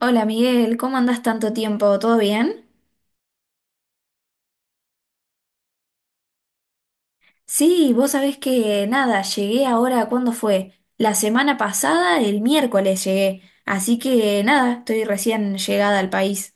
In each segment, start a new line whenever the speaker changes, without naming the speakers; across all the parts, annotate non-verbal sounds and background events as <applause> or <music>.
Hola Miguel, ¿cómo andás tanto tiempo? ¿Todo bien? Sí, vos sabés que nada, llegué ahora, ¿cuándo fue? La semana pasada, el miércoles llegué, así que nada, estoy recién llegada al país.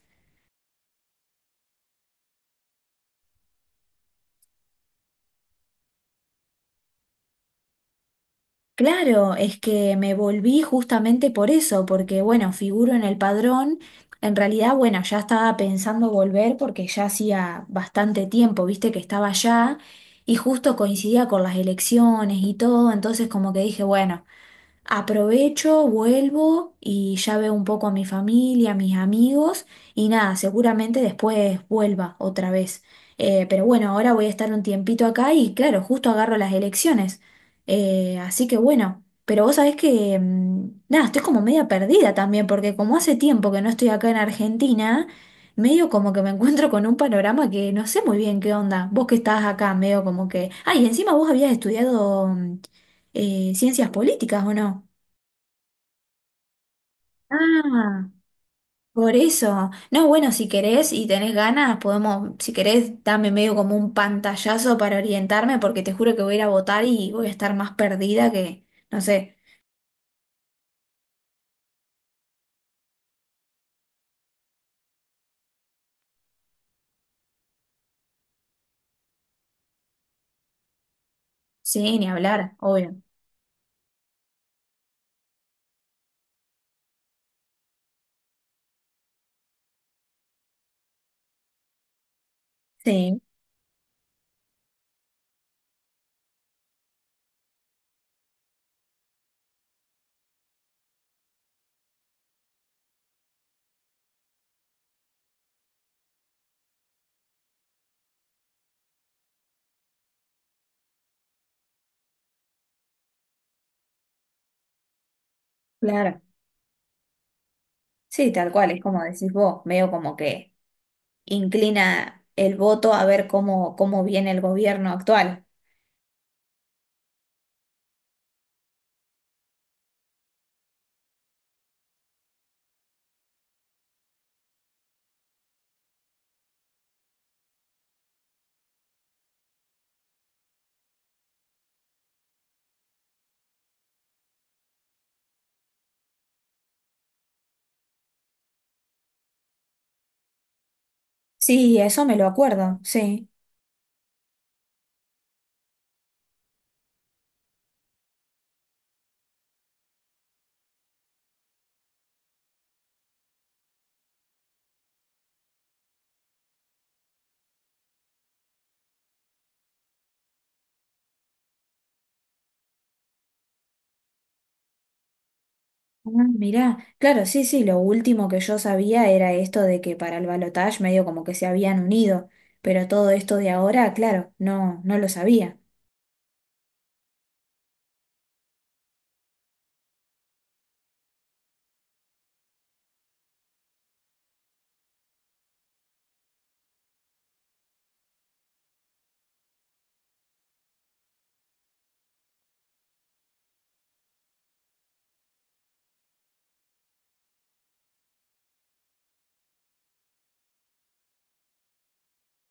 Claro, es que me volví justamente por eso, porque bueno, figuro en el padrón, en realidad bueno, ya estaba pensando volver porque ya hacía bastante tiempo, viste que estaba allá y justo coincidía con las elecciones y todo, entonces como que dije, bueno. Aprovecho, vuelvo y ya veo un poco a mi familia, a mis amigos y nada, seguramente después vuelva otra vez. Pero bueno, ahora voy a estar un tiempito acá y claro, justo agarro las elecciones. Así que bueno, pero vos sabés que nada, estoy como media perdida también porque como hace tiempo que no estoy acá en Argentina, medio como que me encuentro con un panorama que no sé muy bien qué onda. Vos que estás acá, medio como que... Ay, encima vos habías estudiado ciencias políticas, ¿o no? Ah, por eso. No, bueno, si querés y tenés ganas, podemos, si querés, dame medio como un pantallazo para orientarme, porque te juro que voy a ir a votar y voy a estar más perdida que, no sé, sí, ni hablar, obvio. Sí, claro. Sí, tal cual, es como decís vos, medio como que inclina el voto a ver cómo, cómo viene el gobierno actual. Sí, eso me lo acuerdo, sí. Ah, mirá, claro, sí, sí, lo último que yo sabía era esto de que para el balotaje medio como que se habían unido, pero todo esto de ahora, claro, no, no lo sabía.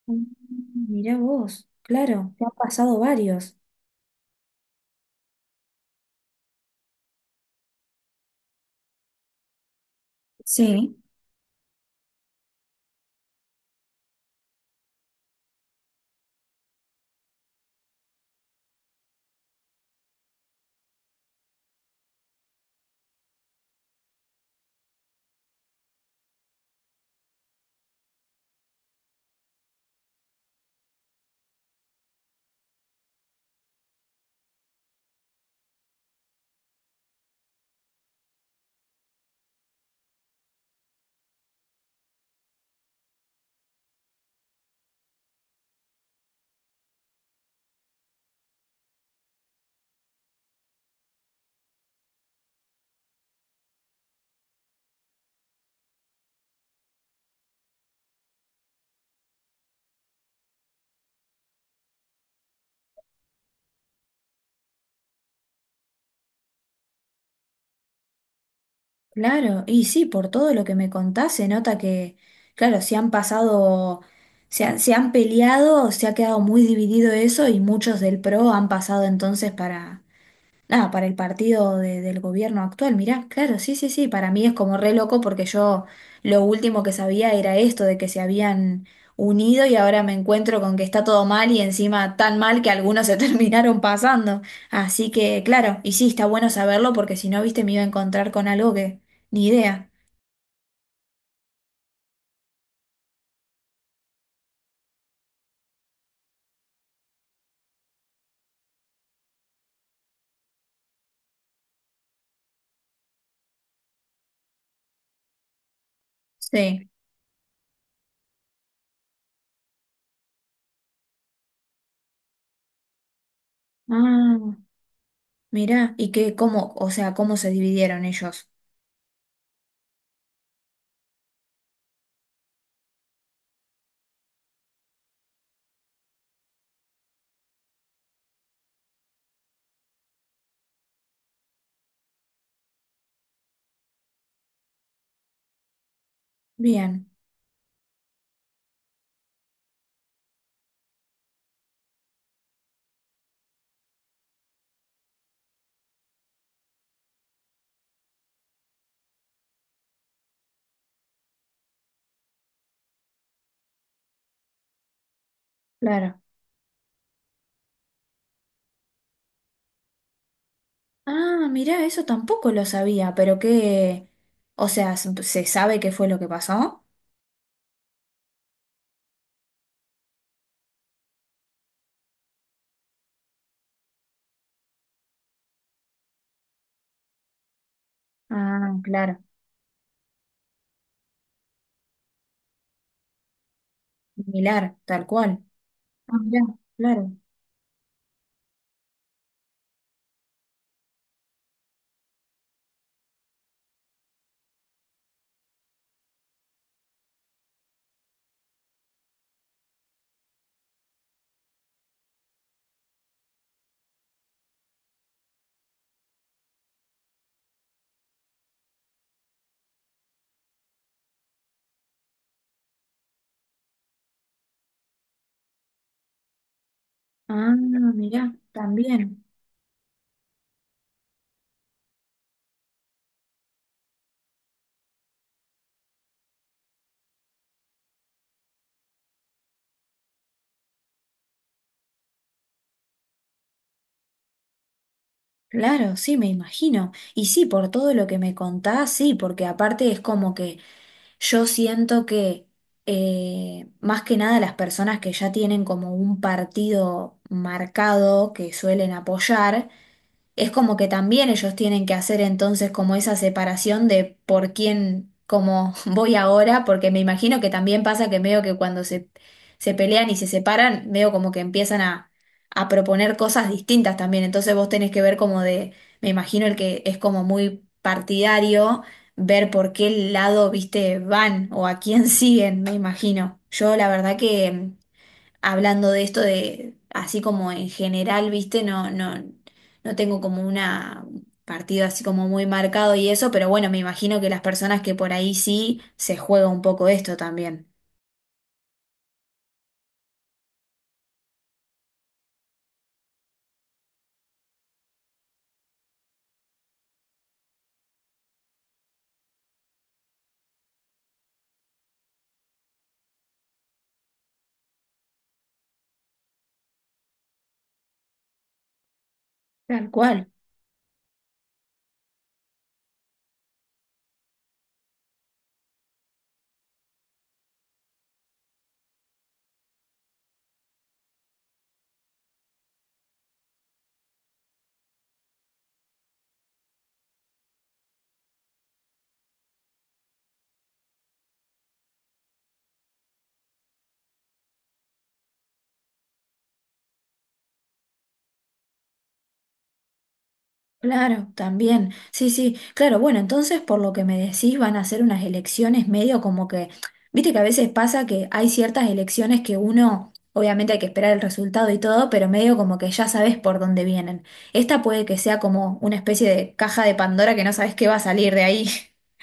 Mm, mirá vos, claro, te han pasado varios. Sí. Claro, y sí, por todo lo que me contás se nota que, claro, se han pasado, se han peleado, se ha quedado muy dividido eso y muchos del PRO han pasado entonces para, ah, para el partido del gobierno actual, mirá, claro, sí, sí, sí, para mí es como re loco porque yo lo último que sabía era esto de que se habían unido y ahora me encuentro con que está todo mal y encima tan mal que algunos se <laughs> terminaron pasando. Así que, claro, y sí, está bueno saberlo porque si no, viste, me iba a encontrar con algo que ni idea. Sí. Ah, mirá, y qué, cómo, o sea, cómo se dividieron ellos. Bien, claro. Ah, mirá, eso tampoco lo sabía, pero que, o sea, ¿se sabe qué fue lo que pasó? Ah, claro, similar, tal cual. Ah, mirá, claro. Ah, mirá, también. Claro, sí, me imagino. Y sí, por todo lo que me contás, sí, porque aparte es como que yo siento que más que nada las personas que ya tienen como un partido marcado que suelen apoyar, es como que también ellos tienen que hacer entonces como esa separación de por quién, como <laughs> voy ahora, porque me imagino que también pasa que medio que cuando se pelean y se separan, medio como que empiezan a proponer cosas distintas también, entonces vos tenés que ver como de, me imagino el que es como muy partidario, ver por qué lado, viste, van o a quién <laughs> siguen, me imagino. Yo la verdad que hablando de esto de, así como en general, viste, no, no, no tengo como una un partido así como muy marcado y eso, pero bueno, me imagino que las personas que por ahí sí se juega un poco esto también. Tal cual. Claro, también. Sí, sí, claro. Bueno, entonces por lo que me decís van a ser unas elecciones medio como que, viste que a veces pasa que hay ciertas elecciones que uno, obviamente hay que esperar el resultado y todo, pero medio como que ya sabes por dónde vienen. Esta puede que sea como una especie de caja de Pandora que no sabes qué va a salir de ahí. <laughs>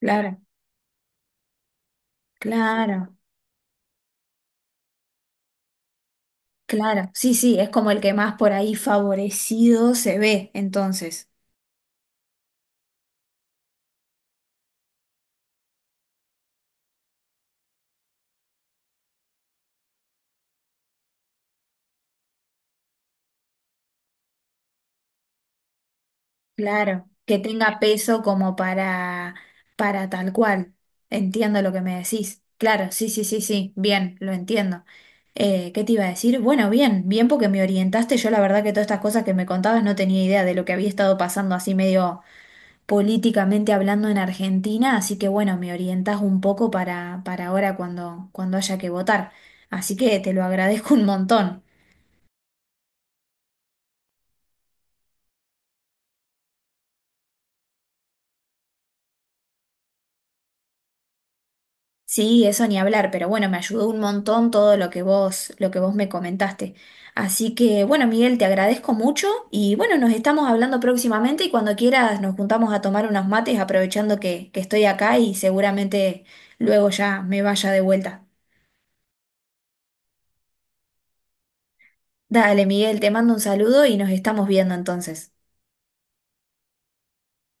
Claro, claro, claro. Sí, sí, es como el que más por ahí favorecido se ve, entonces. Claro, que tenga peso como para tal cual. Entiendo lo que me decís. Claro, sí, sí, sí, sí, bien, lo entiendo. ¿Qué te iba a decir? Bueno, bien, bien porque me orientaste. Yo la verdad que todas estas cosas que me contabas no tenía idea de lo que había estado pasando así medio políticamente hablando en Argentina, así que bueno, me orientás un poco para ahora cuando, cuando haya que votar. Así que te lo agradezco un montón. Sí, eso ni hablar, pero bueno, me ayudó un montón todo lo que vos me comentaste. Así que bueno, Miguel, te agradezco mucho y bueno, nos estamos hablando próximamente y cuando quieras nos juntamos a tomar unos mates aprovechando que estoy acá y seguramente luego ya me vaya de vuelta. Dale, Miguel, te mando un saludo y nos estamos viendo entonces.